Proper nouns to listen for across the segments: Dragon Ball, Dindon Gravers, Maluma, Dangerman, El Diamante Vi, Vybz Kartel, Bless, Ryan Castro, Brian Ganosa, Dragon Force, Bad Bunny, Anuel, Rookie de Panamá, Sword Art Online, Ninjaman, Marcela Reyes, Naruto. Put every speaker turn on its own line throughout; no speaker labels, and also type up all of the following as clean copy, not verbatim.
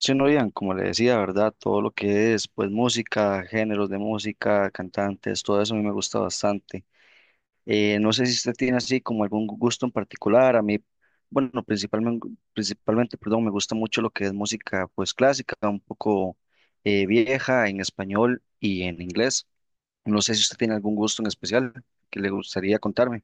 Sí, no, Ian, como le decía, ¿verdad? Todo lo que es, pues, música, géneros de música, cantantes, todo eso a mí me gusta bastante. No sé si usted tiene así como algún gusto en particular. A mí, bueno, principalmente, perdón, me gusta mucho lo que es música, pues, clásica, un poco vieja en español y en inglés. No sé si usted tiene algún gusto en especial que le gustaría contarme.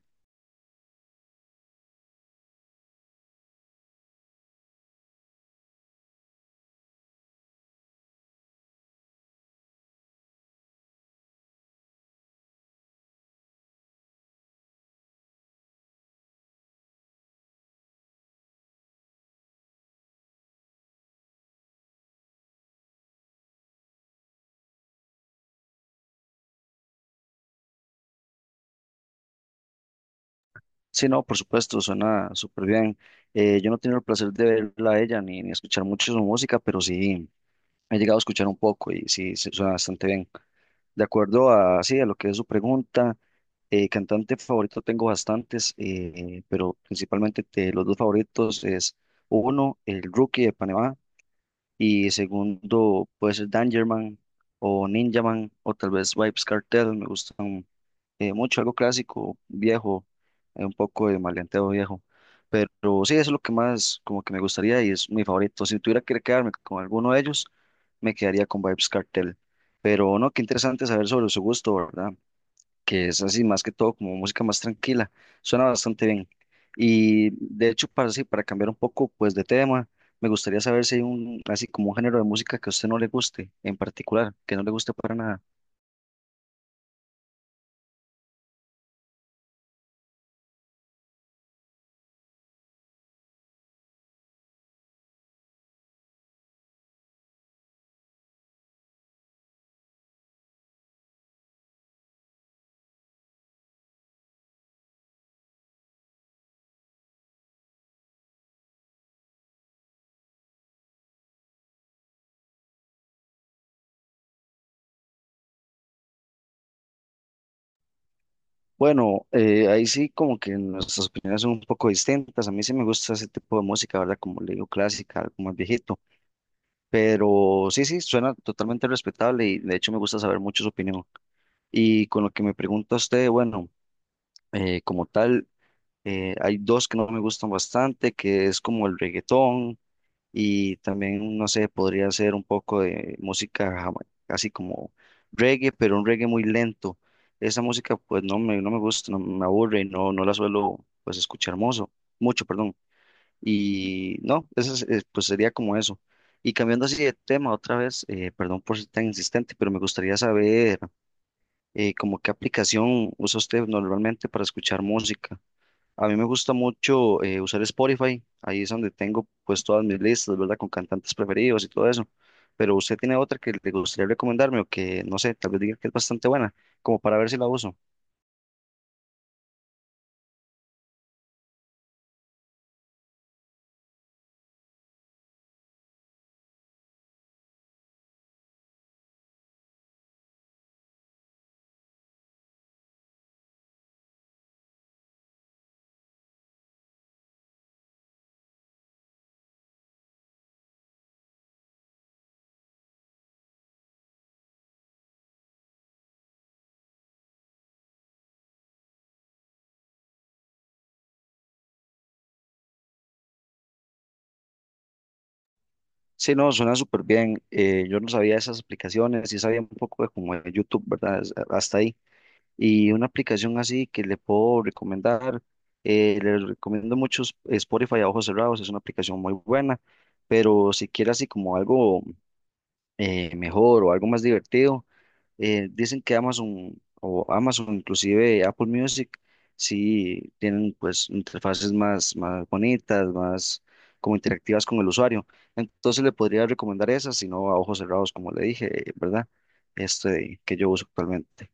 Sí, no, por supuesto, suena súper bien. Yo no he tenido el placer de verla a ella ni escuchar mucho su música, pero sí. He llegado a escuchar un poco y sí, suena bastante bien. De acuerdo a, sí, a lo que es su pregunta, cantante favorito tengo bastantes, pero principalmente de los dos favoritos es uno, el Rookie de Panamá, y segundo puede ser Dangerman o Ninjaman o tal vez Vybz Kartel, me gustan mucho, algo clásico, viejo, un poco de maleanteo viejo. Pero sí, eso es lo que más como que me gustaría y es mi favorito. Si tuviera que quedarme con alguno de ellos, me quedaría con Vibes Cartel. Pero no, qué interesante saber sobre su gusto, ¿verdad? Que es así más que todo como música más tranquila. Suena bastante bien. Y de hecho, para, sí, para cambiar un poco pues de tema, me gustaría saber si hay un, así como un género de música que a usted no le guste en particular, que no le guste para nada. Bueno, ahí sí como que nuestras opiniones son un poco distintas. A mí sí me gusta ese tipo de música, ¿verdad? Como le digo, clásica, algo más viejito. Pero sí, sí, suena totalmente respetable y de hecho me gusta saber mucho su opinión. Y con lo que me pregunta usted, bueno, como tal, hay dos que no me gustan bastante, que es como el reggaetón y también, no sé, podría ser un poco de música casi como reggae, pero un reggae muy lento. Esa música pues no me gusta, no me aburre, no la suelo pues escuchar mucho, perdón. Y no, pues sería como eso. Y cambiando así de tema otra vez, perdón por ser tan insistente, pero me gustaría saber como qué aplicación usa usted normalmente para escuchar música. A mí me gusta mucho usar Spotify, ahí es donde tengo pues todas mis listas, ¿verdad? Con cantantes preferidos y todo eso. Pero usted tiene otra que le gustaría recomendarme o que, no sé, tal vez diga que es bastante buena, como para ver si la uso. Sí, no, suena súper bien. Yo no sabía esas aplicaciones, sí sabía un poco de como de YouTube, ¿verdad? Hasta ahí. Y una aplicación así que le puedo recomendar, le recomiendo mucho Spotify a ojos cerrados, es una aplicación muy buena, pero si quiere así como algo mejor o algo más divertido. Dicen que Amazon o Amazon, inclusive Apple Music, sí tienen pues interfaces más, más bonitas, más como interactivas con el usuario. Entonces le podría recomendar esas, si no a ojos cerrados, como le dije, ¿verdad? Este que yo uso actualmente.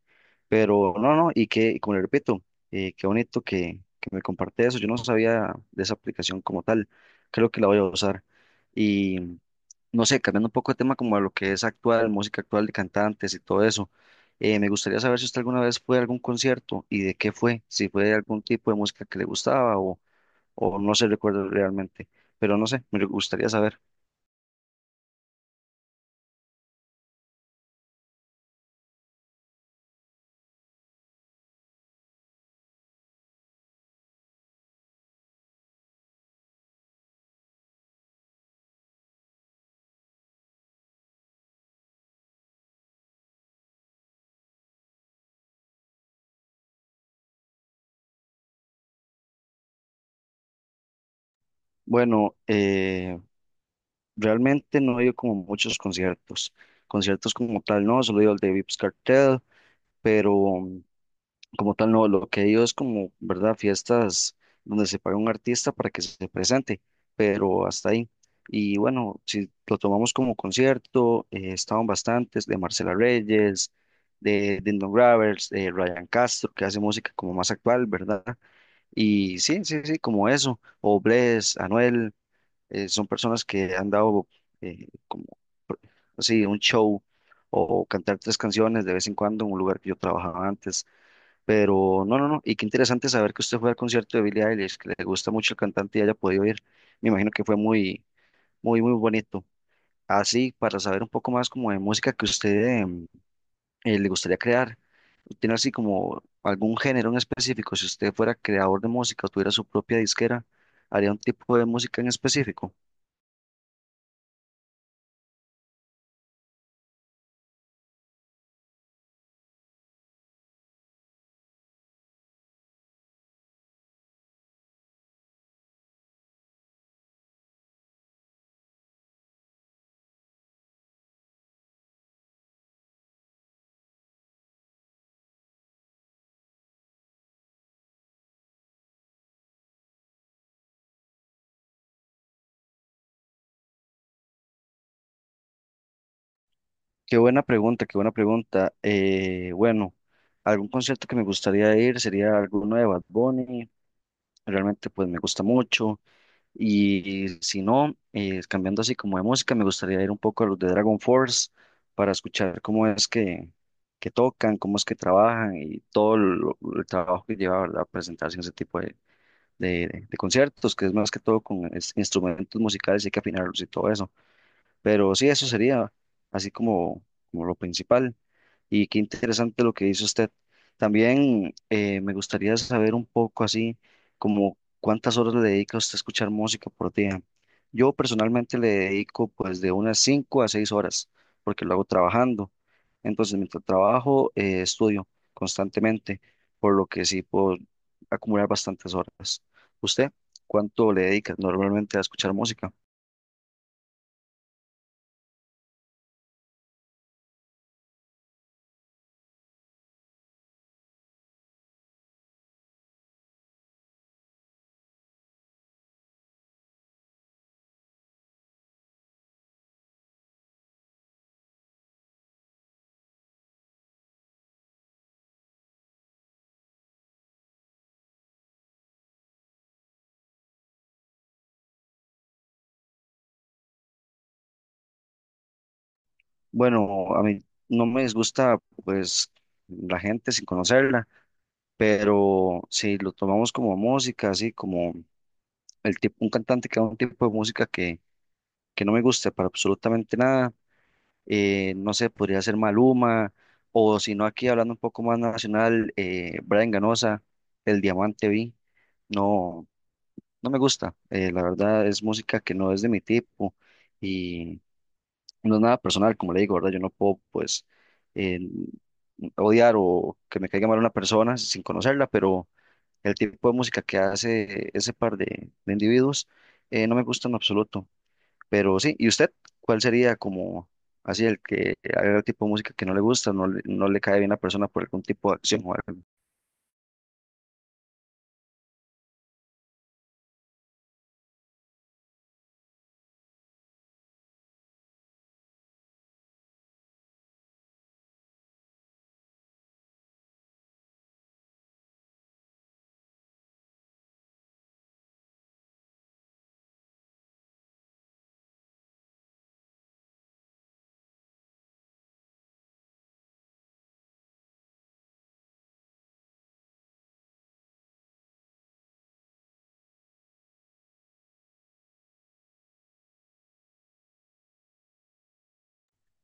Pero no, no, y como le repito, qué bonito que me comparte eso. Yo no sabía de esa aplicación como tal. Creo que la voy a usar. Y no sé, cambiando un poco de tema como a lo que es actual, música actual de cantantes y todo eso. Me gustaría saber si usted alguna vez fue a algún concierto y de qué fue, si fue algún tipo de música que le gustaba o no se recuerda realmente. Pero no sé, me gustaría saber. Bueno, realmente no he ido como muchos conciertos. Conciertos como tal, no, solo he ido al de Vips Cartel, pero como tal, no. Lo que he ido es como, ¿verdad? Fiestas donde se paga un artista para que se presente, pero hasta ahí. Y bueno, si lo tomamos como concierto, estaban bastantes de Marcela Reyes, de Dindon Gravers, de Ryan Castro, que hace música como más actual, ¿verdad? Y sí, sí, sí, como eso, o Bless, Anuel son personas que han dado como pr- así un show o cantar 3 canciones de vez en cuando en un lugar que yo trabajaba antes. Pero no, no, no. Y qué interesante saber que usted fue al concierto de Billie Eilish, que le gusta mucho el cantante y haya podido ir. Me imagino que fue muy, muy, muy bonito. Así, para saber un poco más como de música que usted em, le gustaría crear, ¿tiene así como algún género en específico? Si usted fuera creador de música o tuviera su propia disquera, ¿haría un tipo de música en específico? Qué buena pregunta, qué buena pregunta. Bueno, algún concierto que me gustaría ir sería alguno de Bad Bunny. Realmente pues me gusta mucho. Y, si no, cambiando así como de música, me gustaría ir un poco a los de Dragon Force para escuchar cómo es que tocan, cómo es que trabajan y todo el trabajo que lleva, ¿verdad? Presentarse en ese tipo de, de conciertos, que es más que todo con instrumentos musicales y hay que afinarlos y todo eso. Pero sí, eso sería así como, como lo principal. Y qué interesante lo que dice usted. También me gustaría saber un poco así como cuántas horas le dedica usted a escuchar música por día. Yo personalmente le dedico pues de unas 5 a 6 horas porque lo hago trabajando. Entonces mientras trabajo estudio constantemente, por lo que sí puedo acumular bastantes horas. ¿Usted cuánto le dedica normalmente a escuchar música? Bueno, a mí no me disgusta pues la gente sin conocerla, pero si lo tomamos como música, así como el tipo, un cantante que haga un tipo de música que no me guste para absolutamente nada, no sé, podría ser Maluma, o si no, aquí hablando un poco más nacional, Brian Ganosa, El Diamante Vi, no, no me gusta, la verdad es música que no es de mi tipo y no es nada personal, como le digo, ¿verdad? Yo no puedo, pues, eh, odiar o que me caiga mal una persona sin conocerla, pero el tipo de música que hace ese par de, individuos no me gusta en absoluto. Pero sí, ¿y usted cuál sería como así el que haga el tipo de música que no le gusta, no le, no le cae bien a la persona por algún tipo de acción o algo?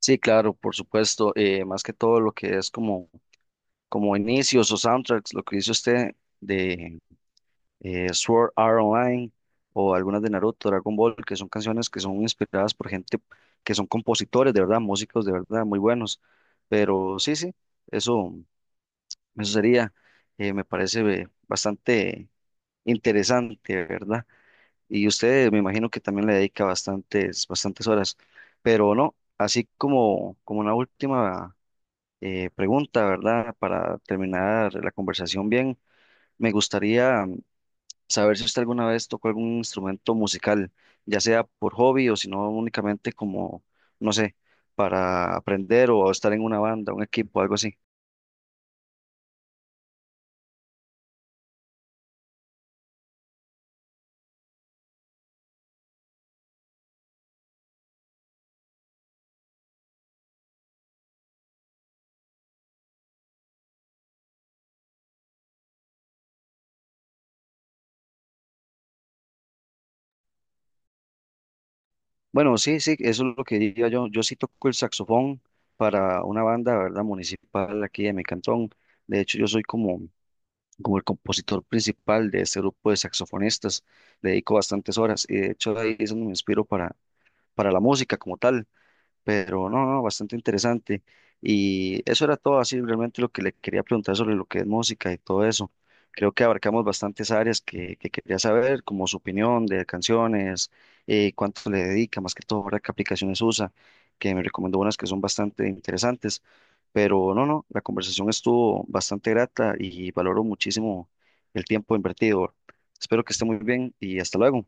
Sí, claro, por supuesto. Más que todo lo que es como, como inicios o soundtracks, lo que dice usted de, Sword Art Online o algunas de Naruto, Dragon Ball, que son canciones que son inspiradas por gente que son compositores, de verdad, músicos de verdad muy buenos. Pero sí, sí, eso, sería, me parece bastante interesante, ¿verdad? Y usted me imagino que también le dedica bastantes, bastantes horas, pero no, así como, como una última pregunta, ¿verdad? Para terminar la conversación bien, me gustaría saber si usted alguna vez tocó algún instrumento musical, ya sea por hobby o si no únicamente como, no sé, para aprender o estar en una banda, un equipo, algo así. Bueno, sí, sí, eso es lo que diría yo. Yo sí toco el saxofón para una banda, ¿verdad? Municipal aquí de mi cantón. De hecho, yo soy como, como el compositor principal de este grupo de saxofonistas. Le dedico bastantes horas y de hecho ahí es donde me inspiro para, la música como tal. Pero no, no, bastante interesante. Y eso era todo así, realmente lo que le quería preguntar sobre lo que es música y todo eso. Creo que abarcamos bastantes áreas que quería saber, como su opinión de canciones, cuánto le dedica, más que todo, ¿verdad? ¿Qué aplicaciones usa? Que me recomendó unas que son bastante interesantes. Pero no, no, la conversación estuvo bastante grata y valoro muchísimo el tiempo invertido. Espero que esté muy bien y hasta luego.